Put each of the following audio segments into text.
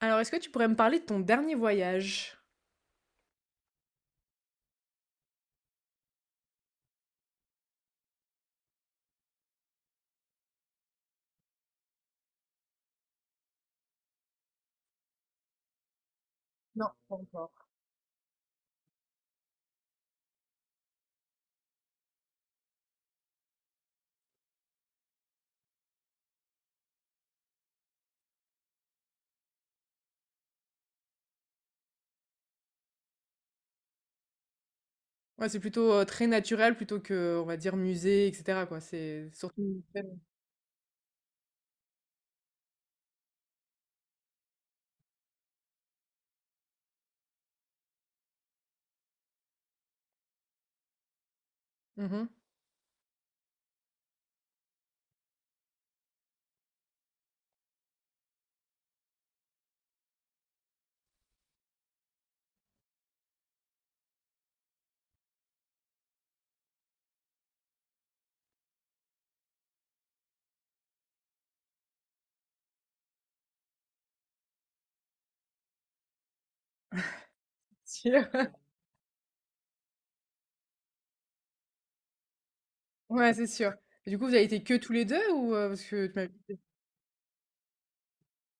Alors, est-ce que tu pourrais me parler de ton dernier voyage? Ouais, c'est plutôt, très naturel plutôt que, on va dire musée et cetera quoi, c'est surtout. Mmh mh. Sûr. Ouais, c'est sûr. Et du coup, vous avez été que tous les 2 ou, parce que tu m'as dit.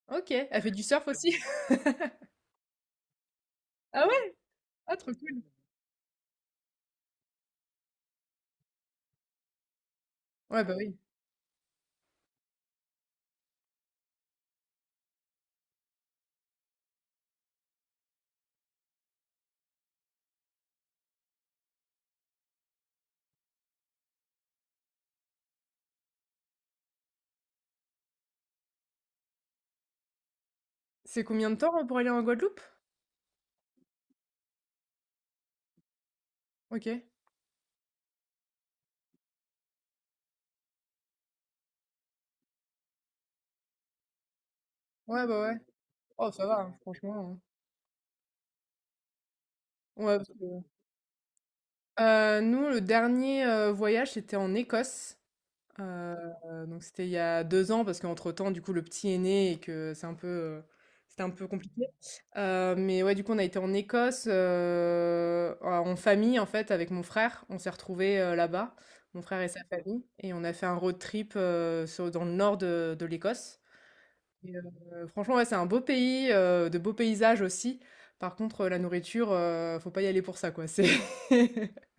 OK, elle fait du surf aussi? Ah ouais? Ah trop cool. Ouais, bah oui. C'est combien de temps, pour aller en Guadeloupe? OK. Ouais, bah ouais. Oh ça va, hein, franchement, hein. Ouais, parce que, nous le dernier, voyage c'était en Écosse. Heu, donc c'était il y a 2 ans parce qu'entre-temps, du coup, le petit est né et que c'est un peu, c'était un peu compliqué. Mais ouais, du coup, on a été en Écosse, en famille, en fait, avec mon frère. On s'est retrouvés, là-bas, mon frère et sa famille et on a fait un road trip, sur dans le nord de l'Écosse et franchement, ouais, c'est un beau pays, de beaux paysages aussi. Par contre, la nourriture, faut pas y aller pour ça, quoi. C'est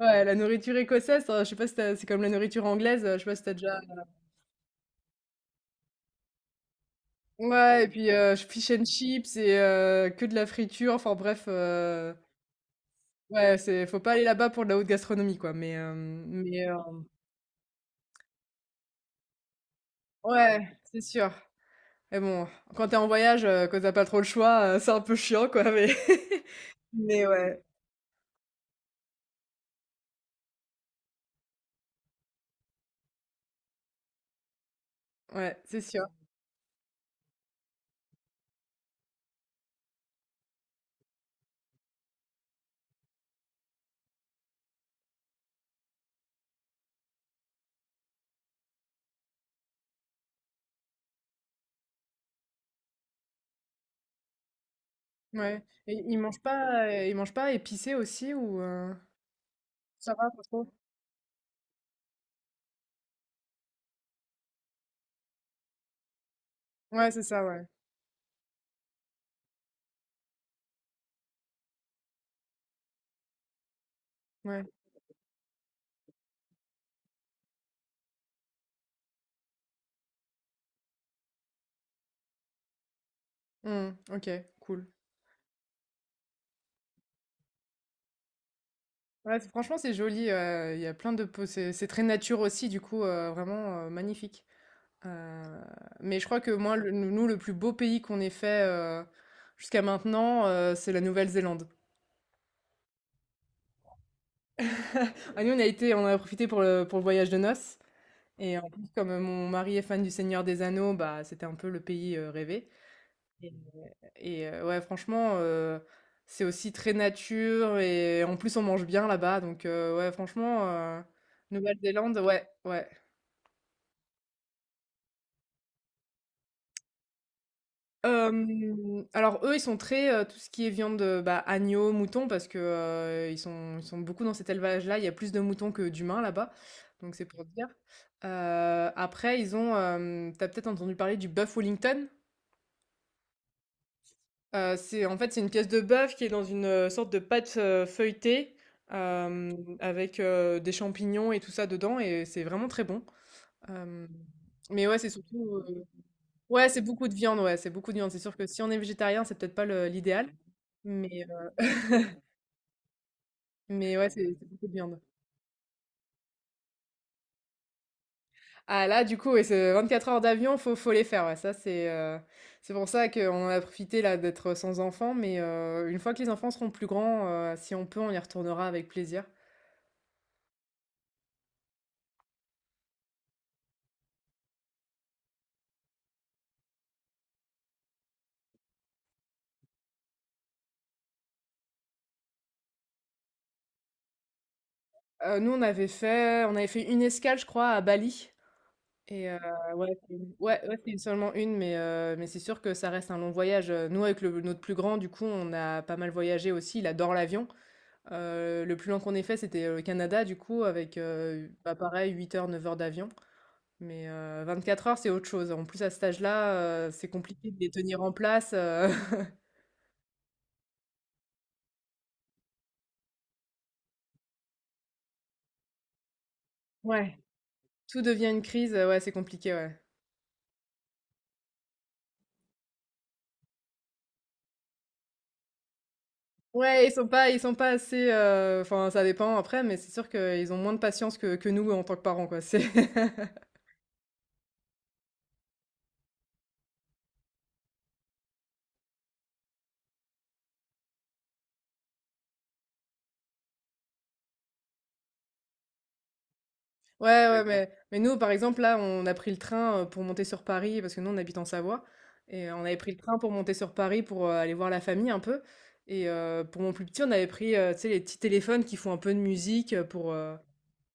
ouais, la nourriture écossaise, je sais pas si tu c'est comme la nourriture anglaise, je sais pas si t'as déjà. Ouais et puis, fish and chips et que de la friture, enfin bref, ouais, c'est faut pas aller là-bas pour de la haute gastronomie quoi, mais mais ouais, c'est sûr. Mais bon, quand t'es en voyage, que tu pas trop le choix, c'est un peu chiant quoi, mais mais ouais, ouais, c'est sûr, ouais et ils mangent pas épicé aussi ou ça va pas trop? Ouais, c'est ça, ouais, ouais. Mmh, OK, cool. Ouais, franchement, c'est joli. Il y a plein de c'est très nature aussi, du coup, vraiment magnifique. Euh, mais je crois que moi, nous, le plus beau pays qu'on ait fait jusqu'à maintenant, c'est la Nouvelle-Zélande. Ah, nous, on a été, on a profité pour le voyage de noces. Et en plus, comme mon mari est fan du Seigneur des Anneaux, bah, c'était un peu le pays rêvé. Et, ouais, franchement, c'est aussi très nature. Et en plus, on mange bien là-bas. Donc, ouais, franchement, Nouvelle-Zélande, ouais, ouais. Alors eux, ils sont très, tout ce qui est viande, bah, agneau, mouton parce que, ils sont beaucoup dans cet élevage-là. Il y a plus de moutons que d'humains là-bas, donc c'est pour dire. Après ils ont, tu peut-être entendu parler du bœuf Wellington? C'est en fait, c'est une pièce de bœuf qui est dans une, sorte de pâte, feuilletée, avec, des champignons et tout ça dedans et c'est vraiment très bon. Euh, mais ouais, c'est surtout. Ouais, c'est beaucoup de viande, ouais, c'est beaucoup de viande. C'est sûr que si on est végétarien, c'est peut-être pas l'idéal. Mais, euh, mais ouais, c'est beaucoup de viande. Ah là, du coup, ouais, c'est 24 heures d'avion, faut les faire. Ouais, ça, c'est pour ça qu'on en a profité là d'être sans enfants. Mais une fois que les enfants seront plus grands, si on peut, on y retournera avec plaisir. Nous, on avait fait une escale, je crois, à Bali. Et ouais, c'est une ouais, ouais, c'est seulement une, mais mais c'est sûr que ça reste un long voyage, Nous, avec le notre plus grand, du coup, on a pas mal voyagé aussi. Il adore l'avion. Le plus long qu'on ait fait, c'était, le Canada, du coup, avec, bah, pareil, 8 heures, 9 heures d'avion. Mais 24 heures, c'est autre chose. En plus, à cet âge-là, c'est compliqué de les tenir en place, Ouais, tout devient une crise, ouais, c'est compliqué, ouais. Ouais, ils sont pas assez, enfin, ça dépend après, mais c'est sûr qu'ils ont moins de patience que nous en tant que parents, quoi. C'est ouais, ouais, donc, mais nous, par exemple, là, on a pris le train pour monter sur Paris, parce que nous, on habite en Savoie, et on avait pris le train pour monter sur Paris pour aller voir la famille un peu. Et pour mon plus petit, on avait pris, tu sais, les petits téléphones qui font un peu de musique pour...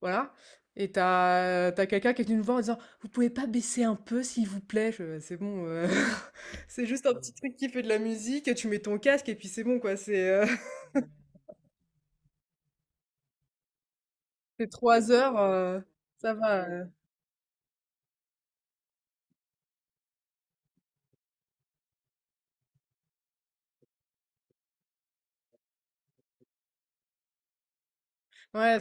voilà. Et t'as quelqu'un qui est venu nous voir en disant, vous pouvez pas baisser un peu, s'il vous plaît? C'est bon, c'est juste un petit truc qui fait de la musique, tu mets ton casque, et puis c'est bon, quoi. C'est c'est 3 heures, ça va. Ouais,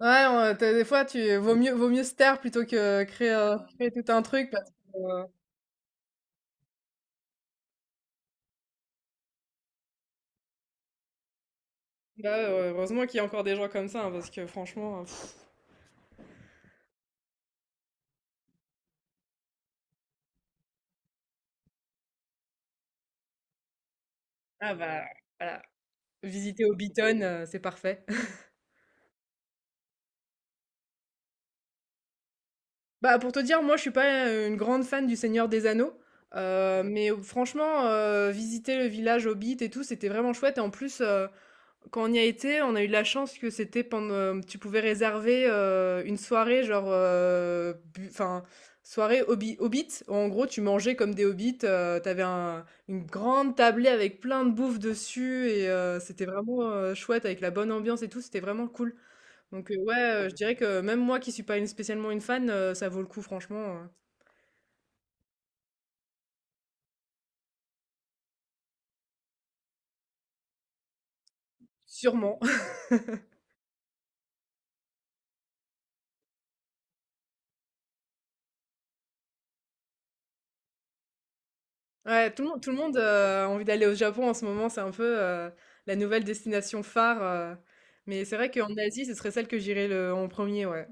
Ouais, on tu des fois, tu vaut mieux se taire plutôt que créer tout un truc parce que, là, heureusement qu'il y a encore des gens comme ça, hein, parce que franchement, ah bah, voilà, visiter Hobbiton, c'est parfait. Bah, pour te dire, moi, je suis pas, une grande fan du Seigneur des Anneaux, mais franchement, visiter le village Hobbit et tout, c'était vraiment chouette et en plus, quand on y a été, on a eu de la chance que c'était pendant tu pouvais réserver, une soirée genre, bu enfin, soirée hobby hobbit. En gros, tu mangeais comme des hobbits, tu un une grande tablée avec plein de bouffe dessus et c'était vraiment, chouette avec la bonne ambiance et tout, c'était vraiment cool. Donc, ouais, je dirais que même moi qui suis pas une spécialement une fan, ça vaut le coup franchement, sûrement. Ouais, tout le monde, a envie d'aller au Japon en ce moment, c'est un peu, la nouvelle destination phare, mais c'est vrai qu'en Asie, ce serait celle que j'irais le en premier ouais.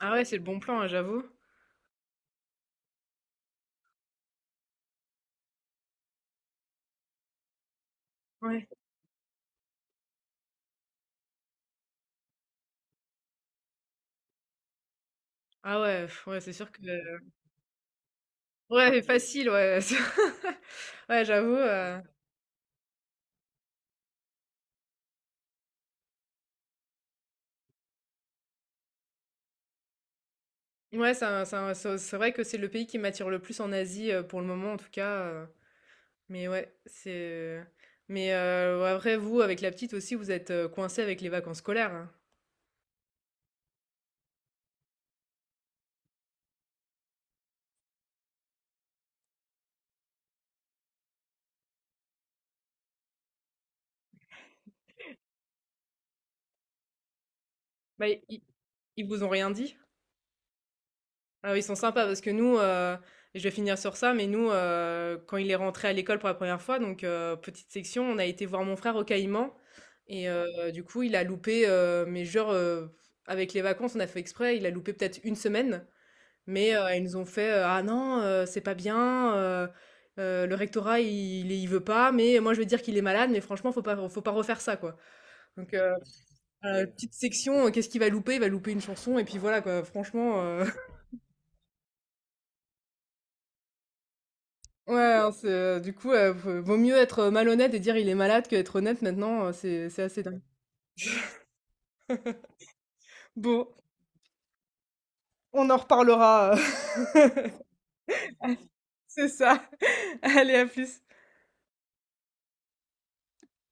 Ah ouais, c'est le bon plan, hein, j'avoue. Ouais. Ah ouais, pff, ouais, c'est sûr que ouais, facile, ouais. Ouais, j'avoue, ouais, c'est vrai que c'est le pays qui m'attire le plus en Asie, pour le moment en tout cas, mais ouais, c'est mais ouais, après vous, avec la petite aussi, vous êtes, coincé avec les vacances scolaires, hein? Bah, ils vous ont rien dit? Alors ils sont sympas parce que nous, je vais finir sur ça, mais nous, quand il est rentré à l'école pour la première fois, donc petite section, on a été voir mon frère au Caïman et du coup, il a loupé, mais genre, avec les vacances, on a fait exprès, il a loupé peut-être une semaine, mais ils nous ont fait, «Ah non, c'est pas bien, le rectorat il veut pas, mais moi je veux dire qu'il est malade, mais franchement faut pas refaire ça quoi». Donc voilà, OK. Petite section, qu'est-ce qu'il va louper? Il va louper une chanson et puis voilà quoi, franchement, ouais, hein, c'est, du coup, v vaut mieux être, malhonnête et dire: «Il est malade» que être honnête maintenant, c'est assez dingue. Bon, on en reparlera, C'est ça. Allez, à plus.